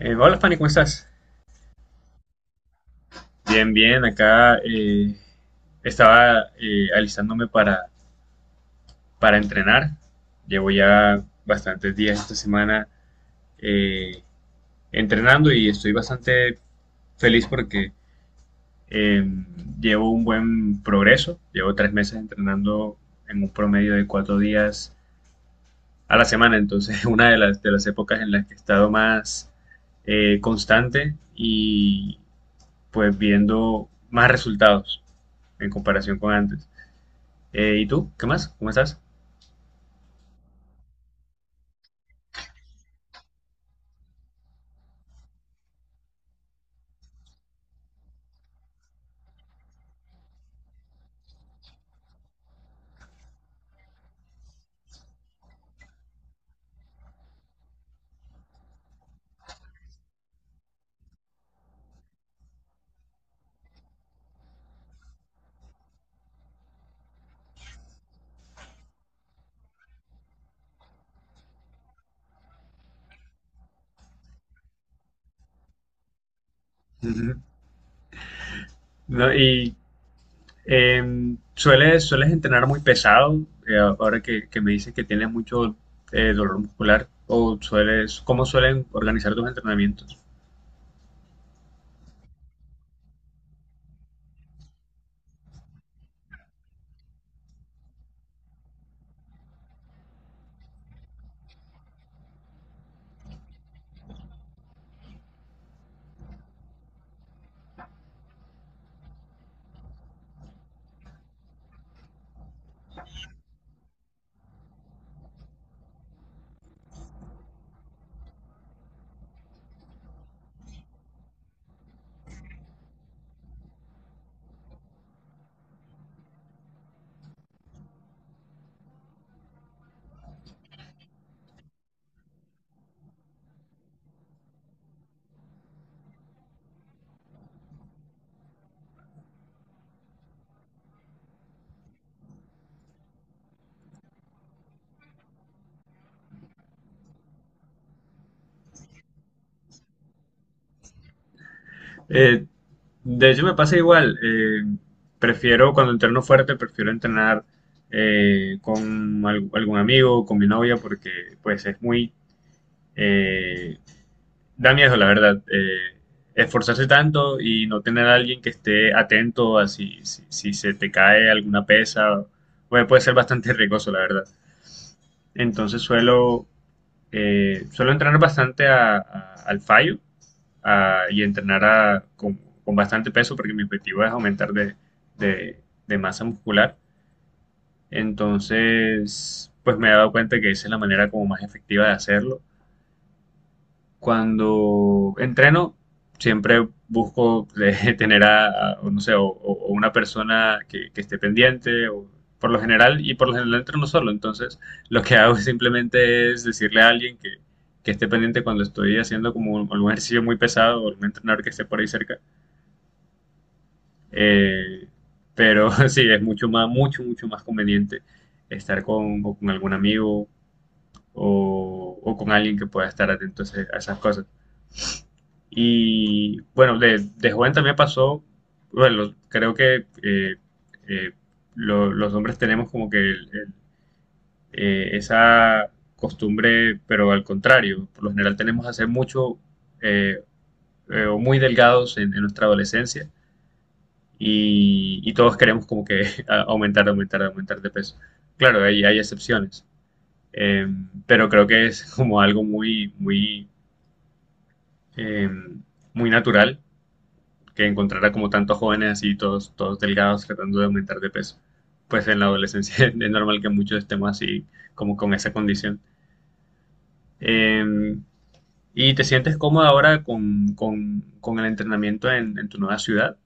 Hola Fanny, ¿cómo estás? Bien, bien, acá estaba alistándome para entrenar. Llevo ya bastantes días esta semana eh, entrenando y estoy bastante feliz porque eh, llevo un buen progreso. Llevo 3 meses entrenando en un promedio de 4 días a la semana, entonces una de de las épocas en las que he estado más constante y pues viendo más resultados en comparación con antes. ¿Y tú? ¿Qué más? ¿Cómo estás? Ujú. No, y ¿sueles, sueles entrenar muy pesado? Ahora que me dices que tienes mucho dolor muscular, o sueles, ¿cómo suelen organizar tus entrenamientos? Eh, de hecho, me pasa igual. Prefiero, cuando entreno fuerte, prefiero entrenar con algún amigo, con mi novia, porque pues es muy, eh, da miedo, la verdad. Esforzarse tanto y no tener a alguien que esté atento a si se te cae alguna pesa, puede ser bastante riesgoso, la verdad. Entonces suelo entrenar bastante al fallo y entrenar con bastante peso porque mi objetivo es aumentar de- de masa muscular. Entonces, pues me he dado cuenta que esa es la manera como más efectiva de hacerlo cuando entreno, siempre busco de tener o no sé, o una persona que esté pendiente, o por lo general, y por lo general entreno solo. Entonces, lo que hago simplemente es decirle a alguien que esté pendiente cuando estoy haciendo como algún ejercicio muy pesado o algún entrenador que esté por ahí cerca. Eh, pero sí, es mucho mucho más conveniente estar con, o con algún amigo o con alguien que pueda estar atento a a esas cosas. Y bueno, de joven también pasó, bueno, creo que eh, los hombres tenemos como que esa costumbre, pero al contrario, por lo general tenemos a ser mucho eh, o muy delgados en nuestra adolescencia y todos queremos como que aumentar de peso. Claro, hay excepciones, eh, pero creo que es como algo eh, muy natural que encontrara como tantos jóvenes así, todos delgados, tratando de aumentar de peso. Pues en la adolescencia es normal que muchos estemos así, como con esa condición. Eh, ¿Y te sientes cómoda ahora con el entrenamiento en tu nueva ciudad?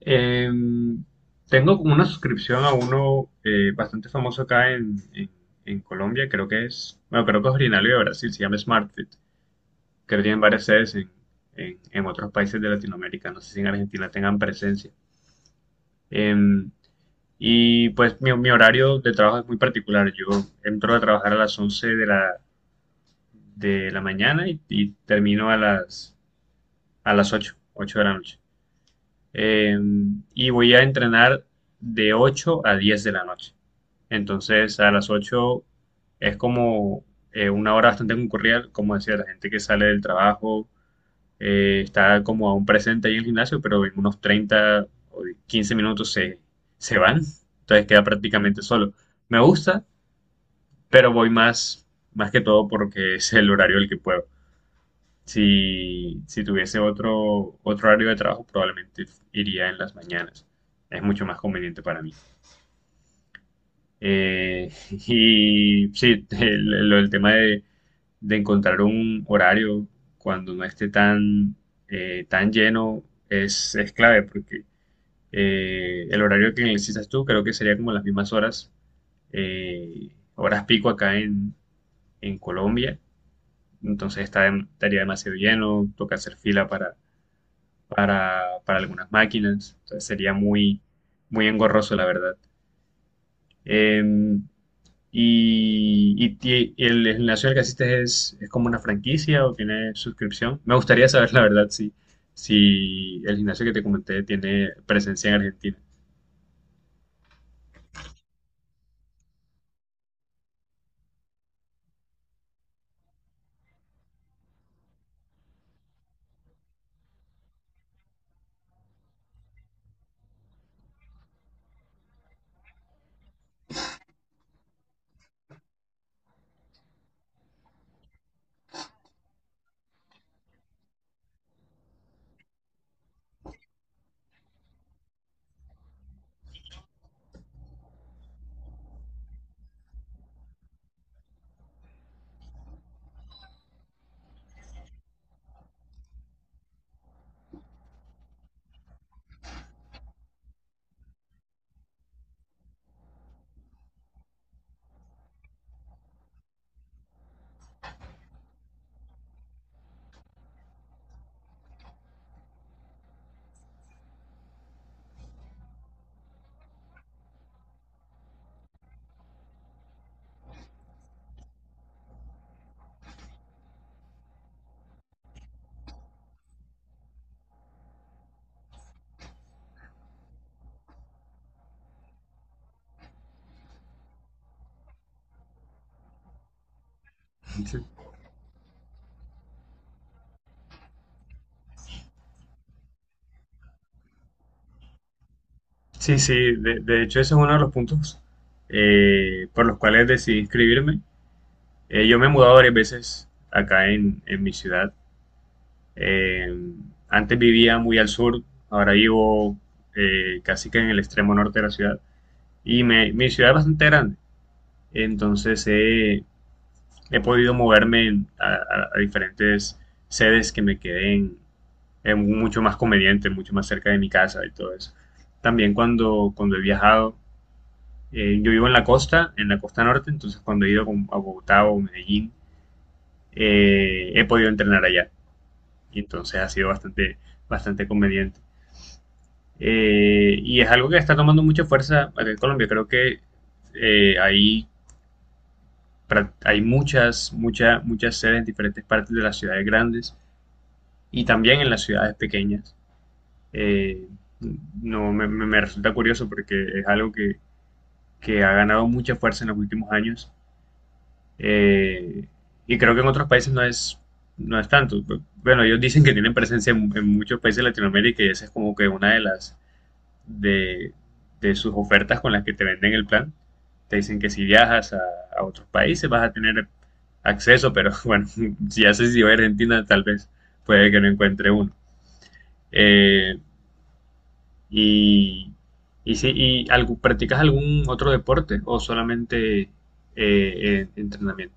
Eh, Tengo como una suscripción a uno bastante famoso acá en Colombia, creo que es, bueno, creo que es originario de Brasil, se llama SmartFit, que tienen varias sedes en otros países de Latinoamérica, no sé si en Argentina tengan presencia. Em, Y pues mi horario de trabajo es muy particular. Yo entro a trabajar a las 11 de de la mañana y termino a a las ocho de la noche. Eh, y voy a entrenar de 8 a 10 de la noche. Entonces a las 8 es como una hora bastante concurrida, como decía, la gente que sale del trabajo está como aún presente ahí en el gimnasio, pero en unos 30 o 15 minutos se van, entonces queda prácticamente solo. Me gusta, pero voy más, más que todo porque es el horario del que puedo. Si, si tuviese otro, otro horario de trabajo, probablemente iría en las mañanas. Es mucho más conveniente para mí. Y sí, el tema de encontrar un horario cuando no esté tan lleno es clave porque el horario que necesitas tú creo que sería como las mismas eh, horas pico acá en Colombia, entonces está, estaría demasiado lleno, toca hacer fila para algunas máquinas, entonces sería muy, muy engorroso, la verdad. Eh, y, y el gimnasio al que asistes es como una franquicia o tiene suscripción. Me gustaría saber, la verdad, si, si el gimnasio que te comenté tiene presencia en Argentina. Sí, sí, de hecho ese es uno de los puntos por los cuales decidí inscribirme. Yo me he mudado varias veces acá en mi ciudad. Eh, Antes vivía muy al sur, ahora vivo casi que en el extremo norte de la ciudad. Y mi ciudad es bastante grande, entonces he podido moverme a diferentes sedes que me queden mucho más convenientes, mucho más cerca de mi casa y todo eso. También cuando he viajado, yo vivo en la costa norte, entonces cuando he ido a Bogotá o Medellín, he podido entrenar allá. Y entonces ha sido bastante, bastante conveniente. Y es algo que está tomando mucha fuerza acá en Colombia. Creo que eh, hay, hay muchas sedes en diferentes partes de las ciudades grandes y también en las ciudades pequeñas. Eh, no, me resulta curioso porque es algo que ha ganado mucha fuerza en los últimos años. Eh, y creo que en otros países no no es tanto. Bueno, ellos dicen que tienen presencia en muchos países de Latinoamérica y esa es como que una de las de, de sus ofertas con las que te venden el plan. Te dicen que si viajas a otros países vas a tener acceso, pero bueno, si haces si voy a Argentina, tal vez puede que no encuentre uno. Eh, y, y, si, y algo, ¿Practicas algún otro deporte o solamente entrenamiento?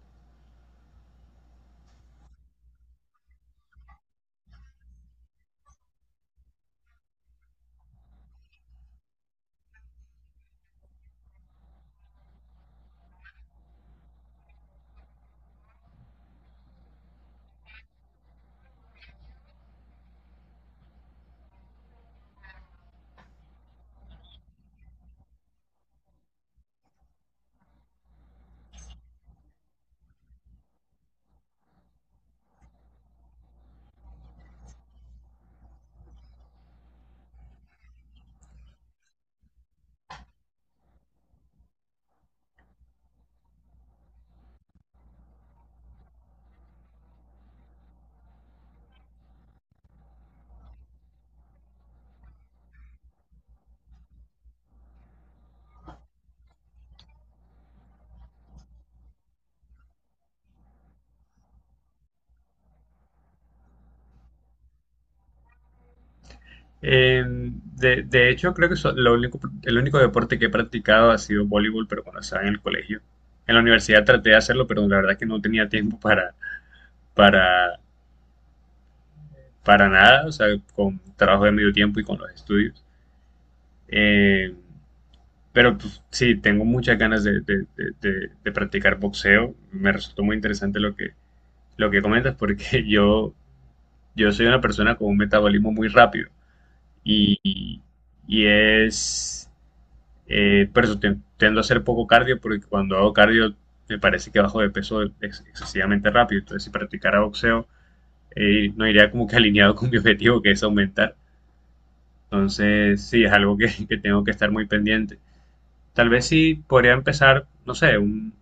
De hecho, creo que lo único, el único deporte que he practicado ha sido voleibol, pero cuando estaba en el colegio. En la universidad traté de hacerlo, pero la verdad que no tenía tiempo para, para nada, o sea, con trabajo de medio tiempo y con los estudios. Eh, pero pues, sí, tengo muchas ganas de practicar boxeo. Me resultó muy interesante lo lo que comentas porque yo soy una persona con un metabolismo muy rápido y, y y es... por eso tiendo a hacer poco cardio porque cuando hago cardio me parece que bajo de peso ex excesivamente rápido. Entonces si practicara boxeo no iría como que alineado con mi objetivo que es aumentar. Entonces, sí, es algo que tengo que estar muy pendiente. Tal vez sí podría empezar, no sé,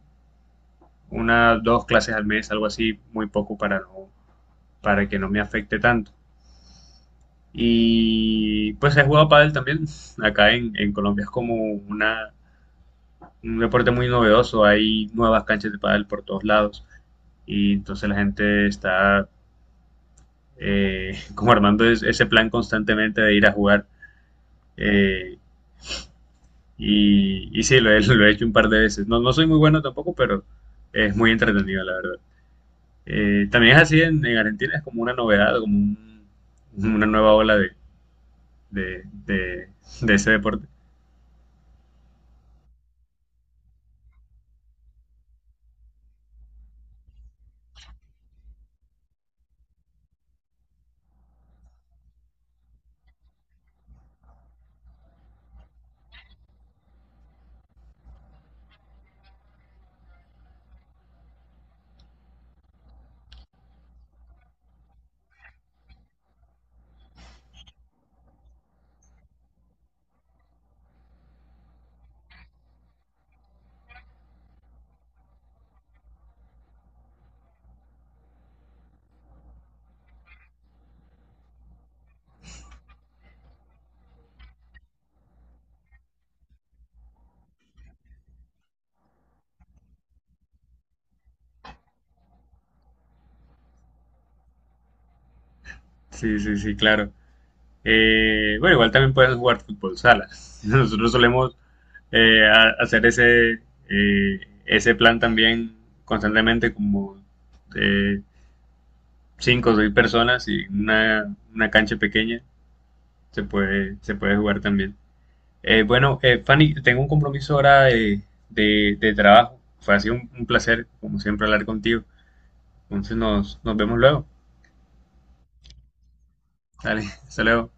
1, 2 clases al mes, algo así, muy poco para no, para que no me afecte tanto. Y pues he jugado pádel también. Acá en Colombia es como un deporte muy novedoso. Hay nuevas canchas de pádel por todos lados. Y entonces la gente está como armando ese plan constantemente de ir a jugar. Eh, y sí, lo he, lo he hecho un par de veces. No, no soy muy bueno tampoco, pero es muy entretenido, la verdad. También es así en Argentina, es como una novedad, como una nueva ola de, de- de ese deporte. Sí, sí, sí, claro. Bueno, igual también puedes jugar fútbol sala. Nosotros solemos hacer eh, ese plan también constantemente, como eh, 5 o 6 personas y una cancha pequeña se puede jugar también. Bueno, Fanny, tengo un compromiso ahora de trabajo. Fue así un placer, como siempre, hablar contigo. Entonces nos, nos vemos luego. Dale, hasta luego.